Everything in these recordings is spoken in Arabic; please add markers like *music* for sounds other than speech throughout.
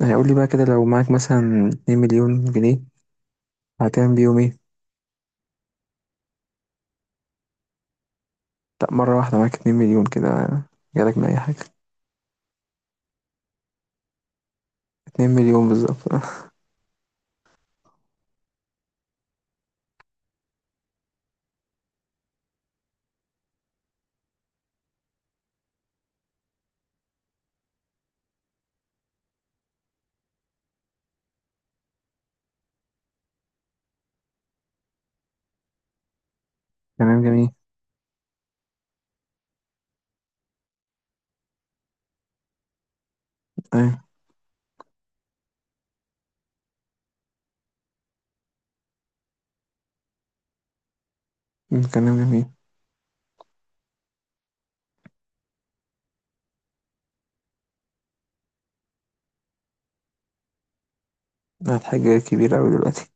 يعني قول لي بقى كده لو معاك مثلا 2 مليون جنيه هتعمل بيهم ايه؟ لا، مرة واحدة معاك 2 مليون كده جالك من أي حاجة. 2 مليون بالظبط. *laughs* كلام جميل. أيوة. كلام جميل، ده حاجة كبيرة أوي دلوقتي.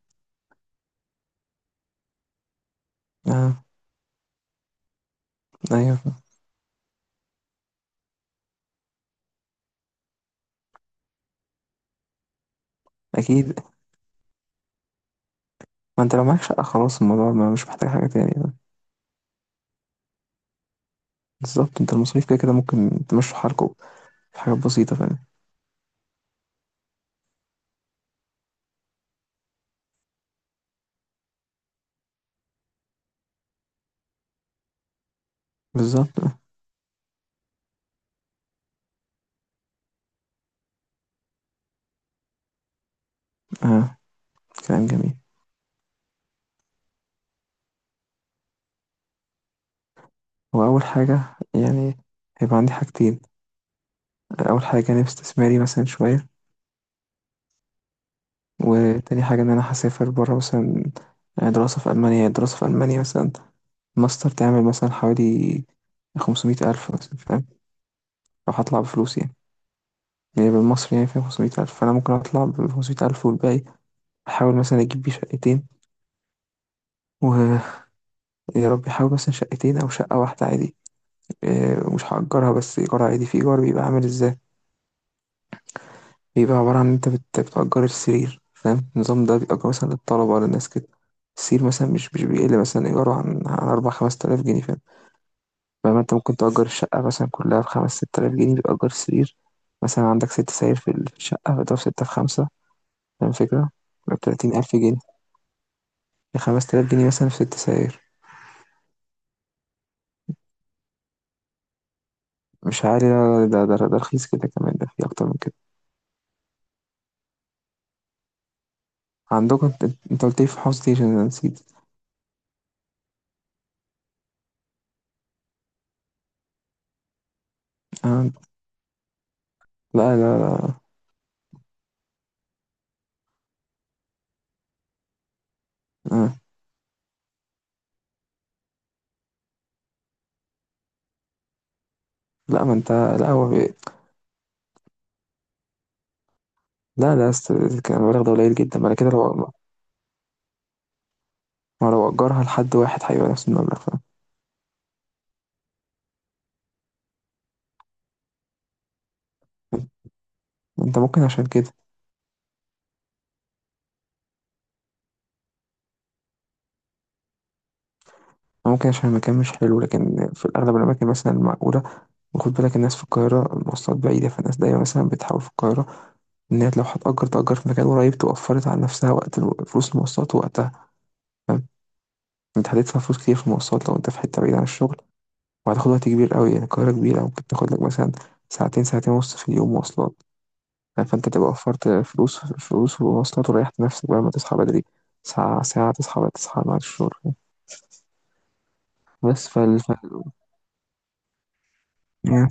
آه. أيوة. أكيد، ما أنت لو معاك شقة خلاص الموضوع ما مش محتاج حاجة تانية. بالظبط، أنت المصاريف كده كده ممكن تمشوا حالكوا. في حاجات بسيطة فعلا. بالظبط. آه. كلام جميل. وأول حاجة يعني هيبقى عندي حاجتين. أول حاجة جانب استثماري مثلا شوية، وتاني حاجة إن أنا هسافر برا مثلا، يعني دراسة في ألمانيا، يعني دراسة في ألمانيا مثلا ماستر، تعمل مثلا حوالي خمسمية ألف مثلا، فاهم؟ لو هطلع بفلوس يعني، يعني بالمصري يعني فيها خمسمية ألف، فأنا ممكن أطلع بخمسمية ألف والباقي أحاول مثلا أجيب بيه شقتين، ويا رب أحاول مثلا شقتين أو شقة واحدة عادي. مش هأجرها بس إيجار عادي، في إيجار بيبقى عامل إزاي، بيبقى عبارة عن إن أنت بتأجر السرير، فاهم النظام ده؟ بيأجر مثلا للطلبة للناس كده. السرير مثلا مش بيقل مثلا إيجاره عن أربع خمس تلاف جنيه، فاهم؟ فما انت ممكن تأجر الشقة مثلا كلها بخمس ست آلاف جنيه، بتأجر سرير مثلا، عندك ست سرير في الشقة، فده في ستة في خمسة، فاهم الفكرة؟ بتلاتين ألف جنيه، خمس تلاف جنيه مثلا في ست سرير. مش عالي، لا، ده رخيص كده كمان، ده في أكتر من كده. عندكم انت، انت قلت لي في حوض ستيشن أنا نسيت. آه. لا لا لا. آه. لا، ما انت. لا هو بي... لا لا است... كان المبلغ ده قليل جدا بعد كده لو، ما لو أجرها لحد واحد هيبقى نفس المبلغ، فاهم؟ انت ممكن عشان كده، ممكن عشان المكان مش حلو، لكن في الأغلب الأماكن مثلا المعقولة. وخد بالك الناس في القاهرة المواصلات بعيدة، فالناس دايما مثلا بتحاول في القاهرة إن هي لو هتأجر تأجر في مكان قريب، توفرت على نفسها وقت فلوس المواصلات ووقتها، فاهم؟ أنت هتدفع فلوس كتير في المواصلات لو أنت في حتة بعيدة عن الشغل، وهتاخد وقت كبير قوي، يعني القاهرة كبيرة، ممكن تاخد لك مثلا ساعتين، ساعتين ونص في اليوم مواصلات، فاهم؟ فأنت تبقى وفرت فلوس، فلوس ومواصلات، وريحت نفسك بقى، ما تصحى بدري ساعة، ساعة تصحى بقى، تصحى بعد الشغل. بس فال فال- يعني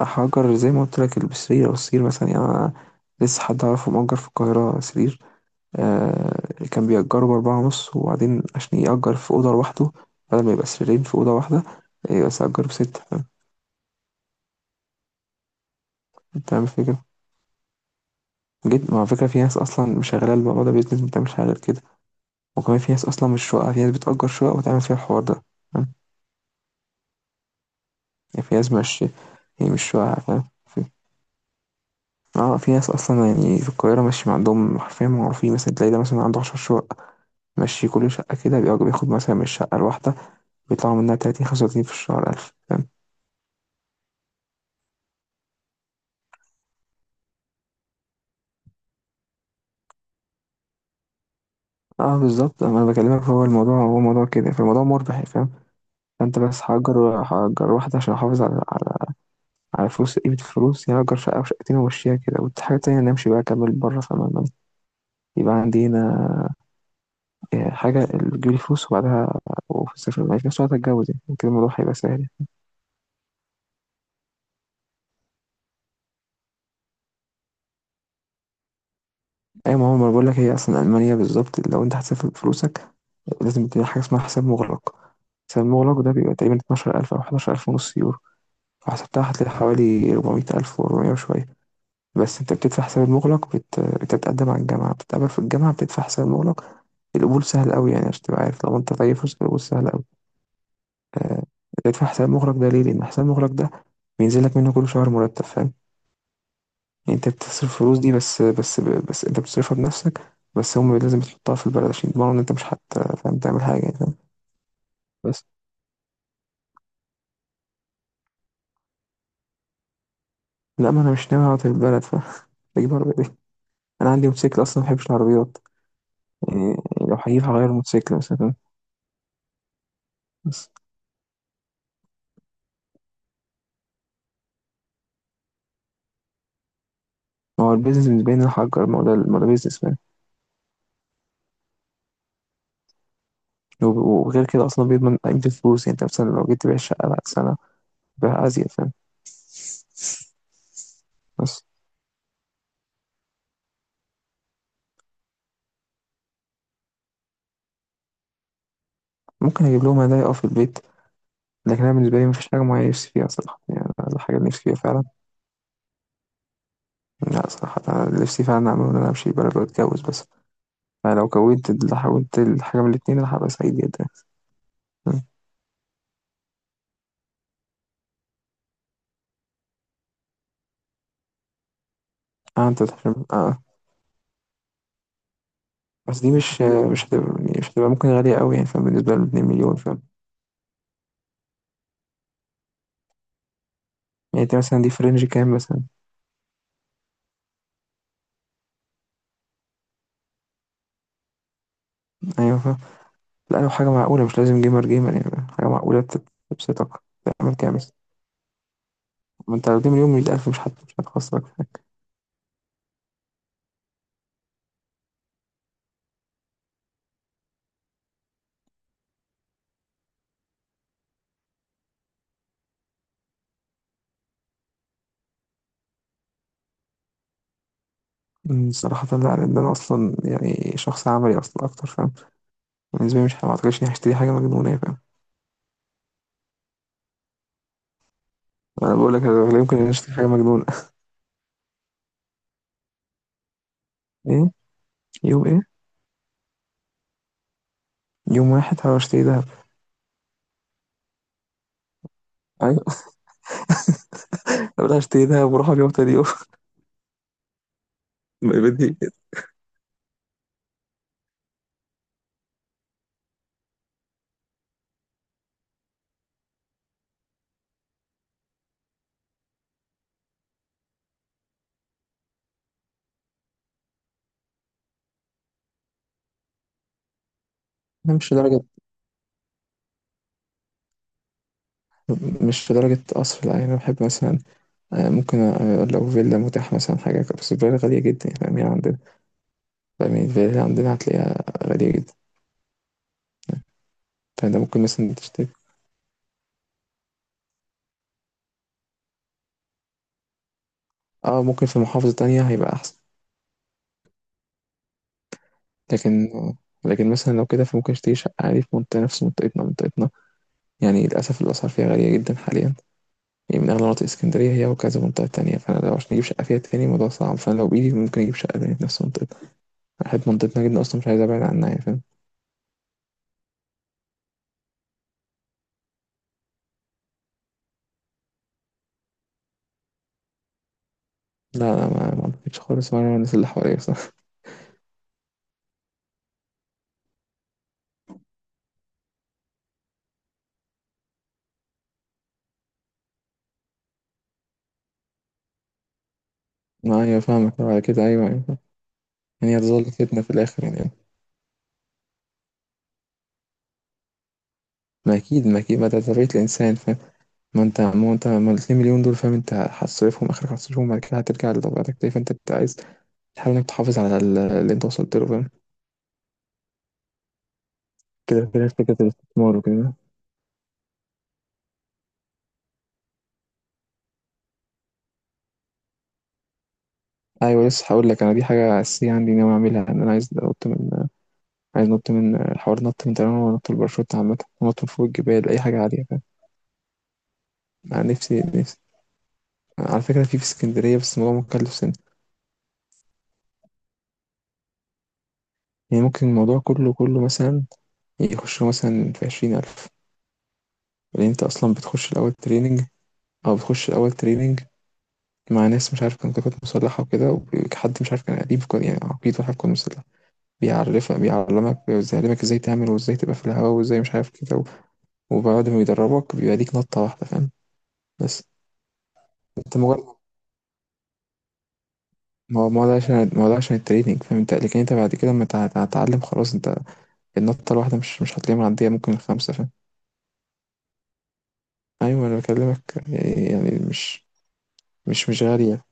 هأجر زي ما قلت لك السرير، أو السرير مثلا. يعني أنا لسه حد أعرفه مأجر في القاهرة سرير. كان بيأجره بأربعة ونص، وبعدين عشان يأجر في أوضة لوحده بدل ما يبقى سريرين في أوضة واحدة، بس أجره بستة، فاهم؟ أنت فاهم الفكرة، جيت مع فكرة، في ناس أصلا شغالة الموضوع ده بيزنس، ما بتعملش حاجة غير كده. وكمان في ناس أصلا مش شقة، في ناس بتأجر شقة وتعمل فيها الحوار ده، فاهم؟ يعني في ناس مش، هي مش شقة، فاهم؟ في، اه في ناس اصلا يعني في القاهره ماشي ما عندهم حرفيا، معروفين مثلا، تلاقي ده مثلا عنده 10 شقق ماشي، كل شقه كده بياخد بياخد مثلا من الشقه الواحده، بيطلعوا منها 30 35 في الشهر 1000. اه بالظبط، انا بكلمك، هو الموضوع هو موضوع كده، فالموضوع مربح، فاهم؟ فانت بس هأجر، هأجر واحدة عشان احافظ على، على، على فلوس قيمة الفلوس. يعني هأجر شقة وشقتين وامشيها كده، والحاجة التانية انا امشي بقى اكمل بره، فاهم؟ يبقى عندي هنا حاجة اللي تجيب لي فلوس، وبعدها وفي السفر بعد كده ساعتها اتجوز، يعني كده الموضوع هيبقى سهل. ايوه، ما هو ما بقول لك، هي اصلا المانيا بالظبط لو انت هتسافر بفلوسك لازم تبني حاجة اسمها حساب مغلق. حساب مغلق ده بيبقى تقريبا 12,000 أو 11,000 ونص يورو. فحسبتها هتلاقي حوالي 400,000 و400 وشوية. بس انت بتدفع حساب المغلق، بتتقدم على الجامعة، بتتقابل في الجامعة، بتدفع حساب المغلق. القبول سهل قوي يعني، عشان تبقى عارف، لو انت طيب فلوس القبول سهل قوي. آه، بتدفع حساب مغلق ده ليه؟ لأن حساب مغلق ده بينزل لك منه كل شهر مرتب، فاهم؟ يعني انت بتصرف الفلوس دي، بس بس انت بتصرفها بنفسك، بس هم لازم تحطها في البلد عشان يضمنوا ان انت مش حت فاهم تعمل حاجة يعني، فاهم؟ بس، لا ما انا مش ناوي اقعد في البلد، فاهم؟ *laughs* اجيب عربية ايه؟ انا عندي موتوسيكل اصلا، ما بحبش العربيات يعني. لو هجيب هغير موتوسيكل مثلا، بس. ما هو البيزنس بالنسبة لي إن أنا أأجر، ما هو ده بيزنس، فاهم؟ وغير كده أصلا بيضمن قيمة الفلوس، يعني أنت مثلا لو جيت تبيع الشقة بعد سنة بيعها أزيد، فاهم؟ بس ممكن أجيب لهم هدايا أه في البيت، لكن أنا بالنسبة لي مفيش حاجة معينة نفسي فيها صراحة. يعني أنا الحاجة اللي نفسي فيها فعلا، لا صراحة أنا نفسي فعلا أعمل إن أنا أمشي بلد وأتجوز بس. أنا لو حاولت الحاجة من الاتنين أنا هبقى سعيد جدا. م. أه، أنت تحلم أه. بس دي مش، مش هتبقى، مش هتبقى ممكن غالية أوي يعني، فاهم؟ بالنسبة ل 2 مليون، فاهم؟ يعني أنت مثلا دي في رينج كام مثلا؟ أيوه فاهم. لا لو حاجة معقولة، مش لازم جيمر جيمر، يعني حاجة معقولة بتبسطك. تعمل كده مثلا، ما انت لو دي مليون مية ألف مش مش هتخسرك. أمم، صراحة لا، لأن أنا أصلا يعني شخص عملي أصلا أكتر، فاهم؟ بالنسبة لي مش، ما أعتقدش إني هشتري حاجة مجنونة، فاهم؟ أنا بقول لك أنا لا يمكن إني أشتري حاجة مجنونة. *laughs* إيه، يوم إيه، يوم واحد هروح أشتري دهب. أيوة. *laughs* أروح أشتري دهب، وأروح اليوم تاني يوم. *laughs* ما بدي. أنا مش لدرجة، مش لدرجة قصر لا. يعني أنا بحب مثلا، ممكن، لو فيلا متاح مثلا حاجة، بس الفيلا غالية جدا يعني، فاهم يعني؟ فاهمني، الفلل عندنا هتلاقيها غالية جدا. فأنت ممكن مثلا تشتري، اه ممكن في محافظة تانية هيبقى أحسن. لكن، لكن مثلا لو كده فممكن اشتري شقة عادي في منطقة نفس منطقتنا، منطقتنا يعني للأسف الأسعار فيها غالية جدا حاليا، يعني من أغلى مناطق اسكندرية هي وكذا منطقة تانية. فأنا لو عشان أجيب شقة فيها تاني الموضوع صعب، فأنا لو بإيدي ممكن أجيب شقة تانية في نفس منطقتنا. أنا بحب منطقتنا جدا أصلا، مش عايز أبعد عنها يعني، فاهم؟ لا لا، ما أعتقدش خالص. وأنا الناس اللي حواليا بصراحة، *laughs* ما أيوة فاهمك، بعد كده أيوة أيوة. يعني هتظل فتنة في الآخر يعني. ما أكيد، ما أكيد، ما ده طبيعة الإنسان، فاهم؟ ما انت ما الاتنين مليون دول، فاهم؟ انت هتصرفهم اخرك، هتصرفهم بعد كده هترجع لطبيعتك تاني. فانت عايز تحاول انك تحافظ على اللي انت وصلت له، فاهم؟ كده كده فكرة الاستثمار وكده. ايوه لسه هقول لك، انا دي حاجة اساسية عندي ناوي اعملها، ان انا عايز انط من، عايز انط من حوار نط من طيران، ونط الباراشوت عامة، ونط من فوق الجبال، اي حاجة عالية، فاهم؟ انا نفسي نفسي، على فكرة في اسكندرية بس الموضوع مكلف سنة. يعني ممكن الموضوع كله، كله مثلا يخش له مثلا في عشرين ألف. لأن أنت أصلا بتخش الأول تريننج، أو بتخش الأول تريننج مع ناس مش عارف كان، كانت مسلحة وكده. وحد مش عارف كان قريب يعني عقيد واحد كان مسلح، بيعرفك بيعلمك، بيعلمك ازاي تعمل، وازاي تبقى في الهواء، وازاي مش عارف كده وبعد ما بيدربك بيبقى ليك نطة واحدة، فاهم؟ بس انت مجرد، ما هو ما هو ده عشان ما هو ده عشان التريننج، فاهم انت؟ لكن انت بعد كده لما تتعلم خلاص انت، النطة الواحدة مش هتلاقيها معدية، ممكن الخمسة، فاهم؟ ايوه انا بكلمك، يعني يعني مش، مش غالية.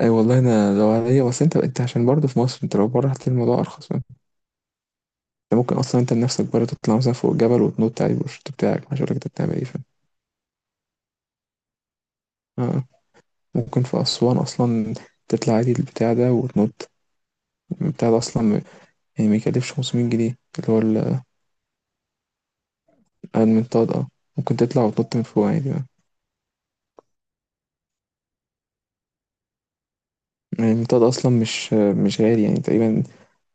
اي والله انا لو عليا، بس انت، انت عشان برضه في مصر، انت لو بره هتلاقي الموضوع ارخص. انت ممكن اصلا انت بنفسك بره تطلع مثلا فوق جبل وتنط عادي بالشورت بتاعك، مش هقولك انت بتعمل ايه، فاهم؟ آه. ممكن في اسوان اصلا تطلع عادي البتاع ده وتنط. البتاع ده اصلا يعني ما يكلفش 500 جنيه، اللي هو المنطاد اه. ممكن تطلع وتنط من فوق عادي بقى. يعني المنطاد اصلا مش، مش غالي، يعني تقريبا،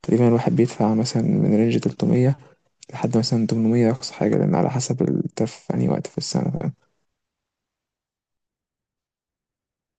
تقريبا الواحد بيدفع مثلا من رينج 300 لحد مثلا 800 اقصى حاجه، لان على حسب انت في انهي وقت في السنه، فاهم؟